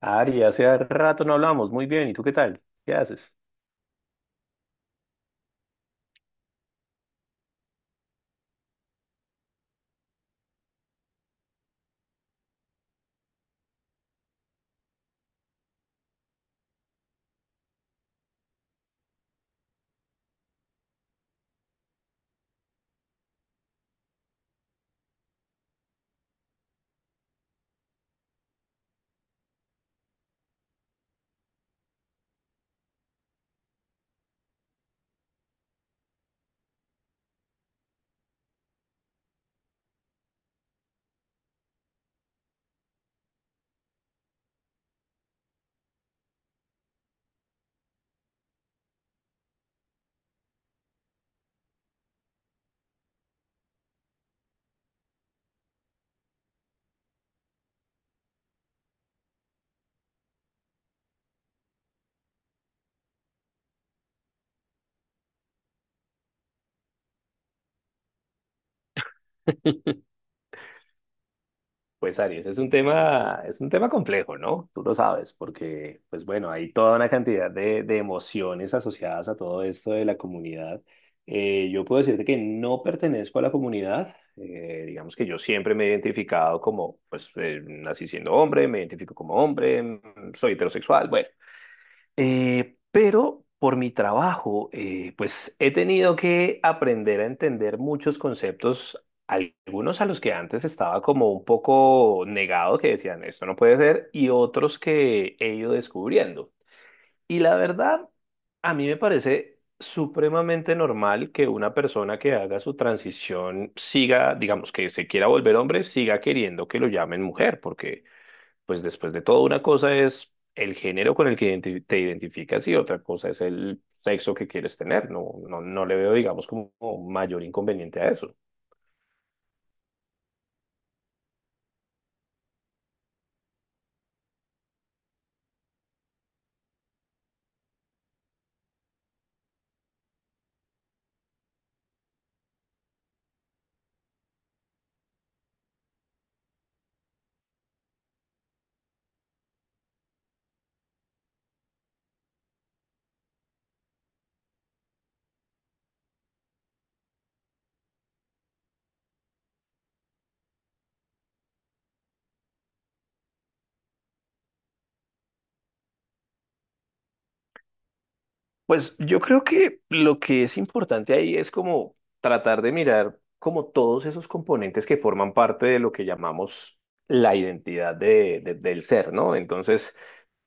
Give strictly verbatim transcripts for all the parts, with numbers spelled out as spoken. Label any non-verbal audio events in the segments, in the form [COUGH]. Ari, hace rato no hablamos. Muy bien, ¿y tú qué tal? ¿Qué haces? [LAUGHS] Pues Aries, es un tema, es un tema complejo, ¿no? Tú lo sabes, porque, pues bueno, hay toda una cantidad de, de emociones asociadas a todo esto de la comunidad. Eh, yo puedo decirte que no pertenezco a la comunidad. Eh, digamos que yo siempre me he identificado como, pues, eh, nací siendo hombre, me identifico como hombre, mm, soy heterosexual, bueno. Eh, pero por mi trabajo, eh, pues he tenido que aprender a entender muchos conceptos, algunos a los que antes estaba como un poco negado, que decían, esto no puede ser, y otros que he ido descubriendo. Y la verdad, a mí me parece supremamente normal que una persona que haga su transición siga, digamos, que se quiera volver hombre, siga queriendo que lo llamen mujer, porque pues después de todo, una cosa es el género con el que identi- te identificas y otra cosa es el sexo que quieres tener. No, no, no le veo, digamos, como mayor inconveniente a eso. Pues yo creo que lo que es importante ahí es como tratar de mirar como todos esos componentes que forman parte de lo que llamamos la identidad de, de- del ser, ¿no? Entonces,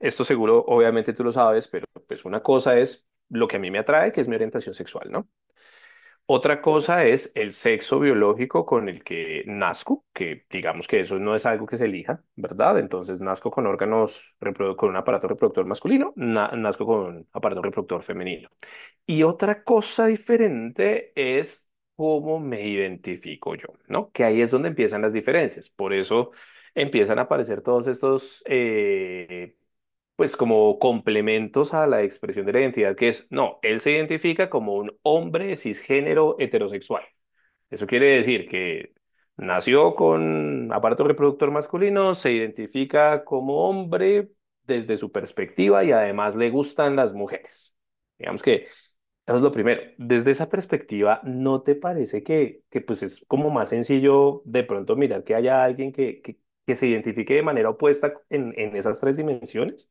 esto seguro, obviamente tú lo sabes, pero pues una cosa es lo que a mí me atrae, que es mi orientación sexual, ¿no? Otra cosa es el sexo biológico con el que nazco, que digamos que eso no es algo que se elija, ¿verdad? Entonces nazco con órganos, reprodu- con un aparato reproductor masculino, na- nazco con un aparato reproductor femenino. Y otra cosa diferente es cómo me identifico yo, ¿no? Que ahí es donde empiezan las diferencias. Por eso empiezan a aparecer todos estos, eh, pues como complementos a la expresión de la identidad, que es, no, él se identifica como un hombre cisgénero heterosexual. Eso quiere decir que nació con aparato reproductor masculino, se identifica como hombre desde su perspectiva y además le gustan las mujeres. Digamos que... Eso es lo primero. Desde esa perspectiva, ¿no te parece que, que pues es como más sencillo de pronto mirar que haya alguien que, que, que se identifique de manera opuesta en, en esas tres dimensiones?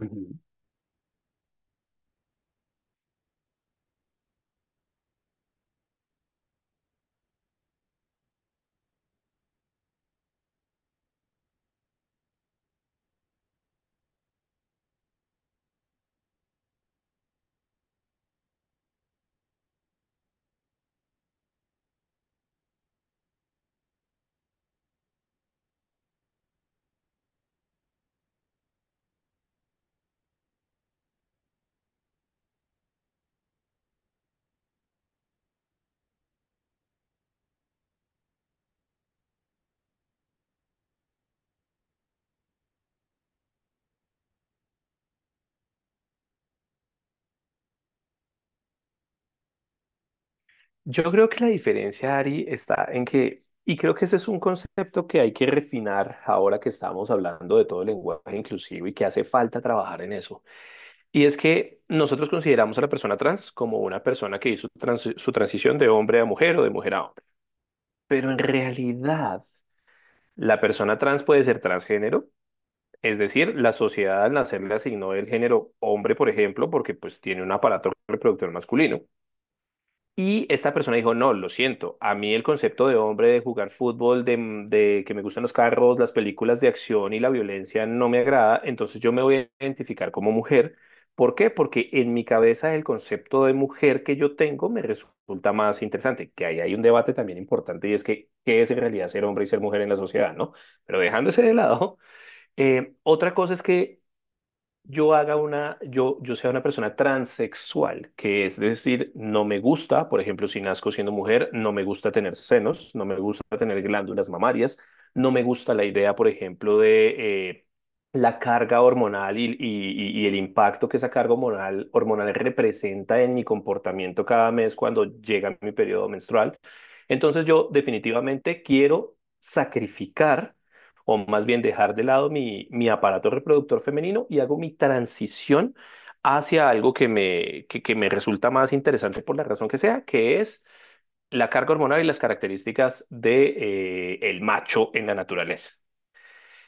Ujú. Yo creo que la diferencia, Ari, está en que, y creo que ese es un concepto que hay que refinar ahora que estamos hablando de todo el lenguaje inclusivo y que hace falta trabajar en eso. Y es que nosotros consideramos a la persona trans como una persona que hizo trans- su transición de hombre a mujer o de mujer a hombre. Pero en realidad, la persona trans puede ser transgénero, es decir, la sociedad al nacer le asignó el género hombre, por ejemplo, porque pues tiene un aparato reproductor masculino. Y esta persona dijo, no, lo siento, a mí el concepto de hombre, de jugar fútbol, de, mm, de que me gustan los carros, las películas de acción y la violencia no me agrada, entonces yo me voy a identificar como mujer. ¿Por qué? Porque en mi cabeza el concepto de mujer que yo tengo me resulta más interesante, que ahí hay un debate también importante y es que qué es en realidad ser hombre y ser mujer en la sociedad, ¿no? Pero dejándose de lado, eh, otra cosa es que yo haga una, yo, yo sea una persona transexual, que es decir, no me gusta, por ejemplo, si nazco siendo mujer, no me gusta tener senos, no me gusta tener glándulas mamarias, no me gusta la idea, por ejemplo, de eh, la carga hormonal y, y- y- y el impacto que esa carga hormonal, hormonal representa en mi comportamiento cada mes cuando llega mi periodo menstrual. Entonces yo definitivamente quiero sacrificar o más bien dejar de lado mi, mi aparato reproductor femenino y hago mi transición hacia algo que me, que, que me resulta más interesante por la razón que sea, que es la carga hormonal y las características de, eh, el macho en la naturaleza.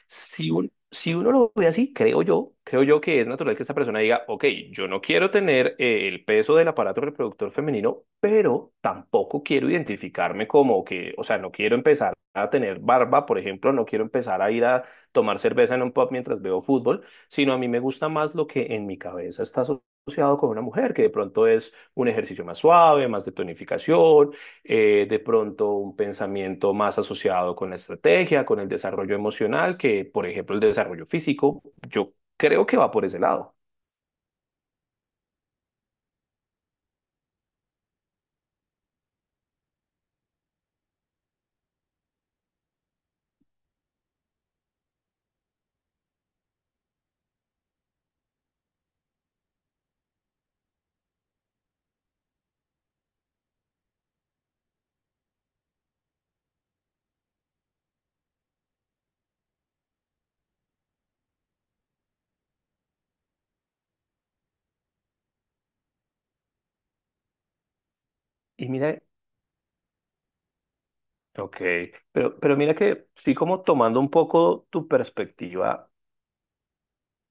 Si, un- si uno lo ve así, creo yo, creo yo que es natural que esta persona diga, ok, yo no quiero tener eh, el peso del aparato reproductor femenino, pero tampoco quiero identificarme como que, o sea, no quiero empezar a tener barba, por ejemplo, no quiero empezar a ir a tomar cerveza en un pub mientras veo fútbol, sino a mí me gusta más lo que en mi cabeza está aso- asociado con una mujer, que de pronto es un ejercicio más suave, más de tonificación, eh, de pronto un pensamiento más asociado con la estrategia, con el desarrollo emocional, que por ejemplo el desarrollo físico, yo creo que va por ese lado. Y mira, ok, pero, pero mira que sí como tomando un poco tu perspectiva,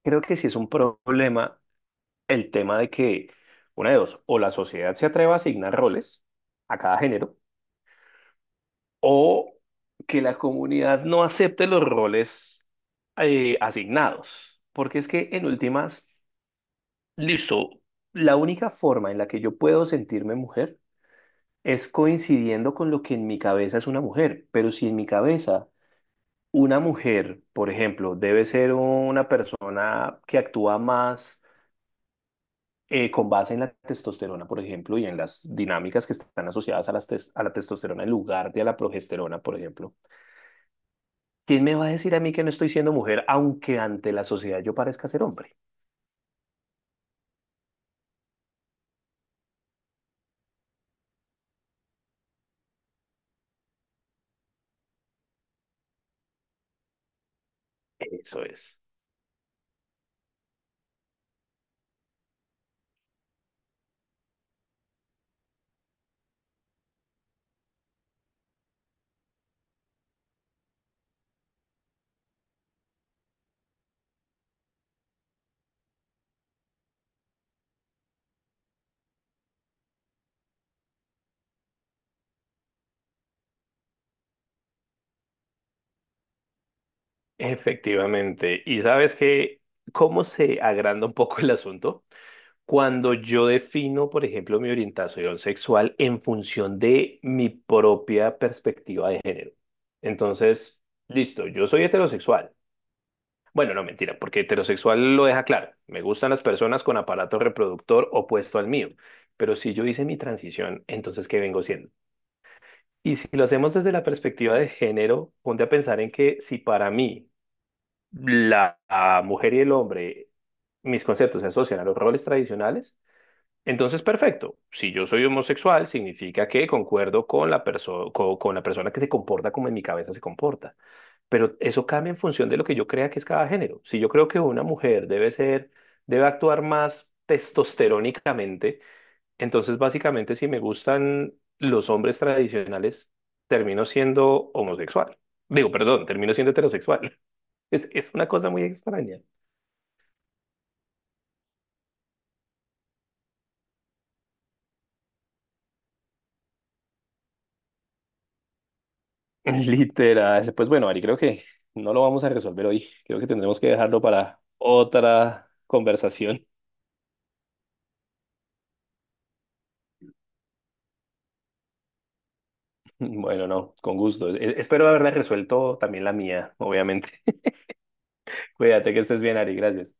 creo que sí es un problema el tema de que, una de dos, o la sociedad se atreva a asignar roles a cada género, o que la comunidad no acepte los roles eh, asignados. Porque es que en últimas listo. La única forma en la que yo puedo sentirme mujer es coincidiendo con lo que en mi cabeza es una mujer. Pero si en mi cabeza una mujer, por ejemplo, debe ser una persona que actúa más eh, con base en la testosterona, por ejemplo, y en las dinámicas que están asociadas a, las tes- a la testosterona en lugar de a la progesterona, por ejemplo, ¿quién me va a decir a mí que no estoy siendo mujer, aunque ante la sociedad yo parezca ser hombre? Eso es. Efectivamente. Y sabes que, ¿cómo se agranda un poco el asunto? Cuando yo defino, por ejemplo, mi orientación sexual en función de mi propia perspectiva de género. Entonces, listo, yo soy heterosexual. Bueno, no, mentira, porque heterosexual lo deja claro. Me gustan las personas con aparato reproductor opuesto al mío. Pero si yo hice mi transición, entonces, ¿qué vengo siendo? Y si lo hacemos desde la perspectiva de género, ponte a pensar en que si para mí la la mujer y el hombre, mis conceptos se asocian a los roles tradicionales, entonces perfecto. Si yo soy homosexual, significa que concuerdo con la perso- co- con la persona que se comporta como en mi cabeza se comporta. Pero eso cambia en función de lo que yo crea que es cada género. Si yo creo que una mujer debe ser, debe actuar más testosterónicamente, entonces básicamente si me gustan los hombres tradicionales, termino siendo homosexual. Digo, perdón, termino siendo heterosexual. [LAUGHS] Es, es una cosa muy extraña. [LAUGHS] Literal. Pues bueno, Ari, creo que no lo vamos a resolver hoy. Creo que tendremos que dejarlo para otra conversación. [LAUGHS] Bueno, no, con gusto. E- espero haberla resuelto también la mía, obviamente. [LAUGHS] Cuídate que estés bien, Ari. Gracias.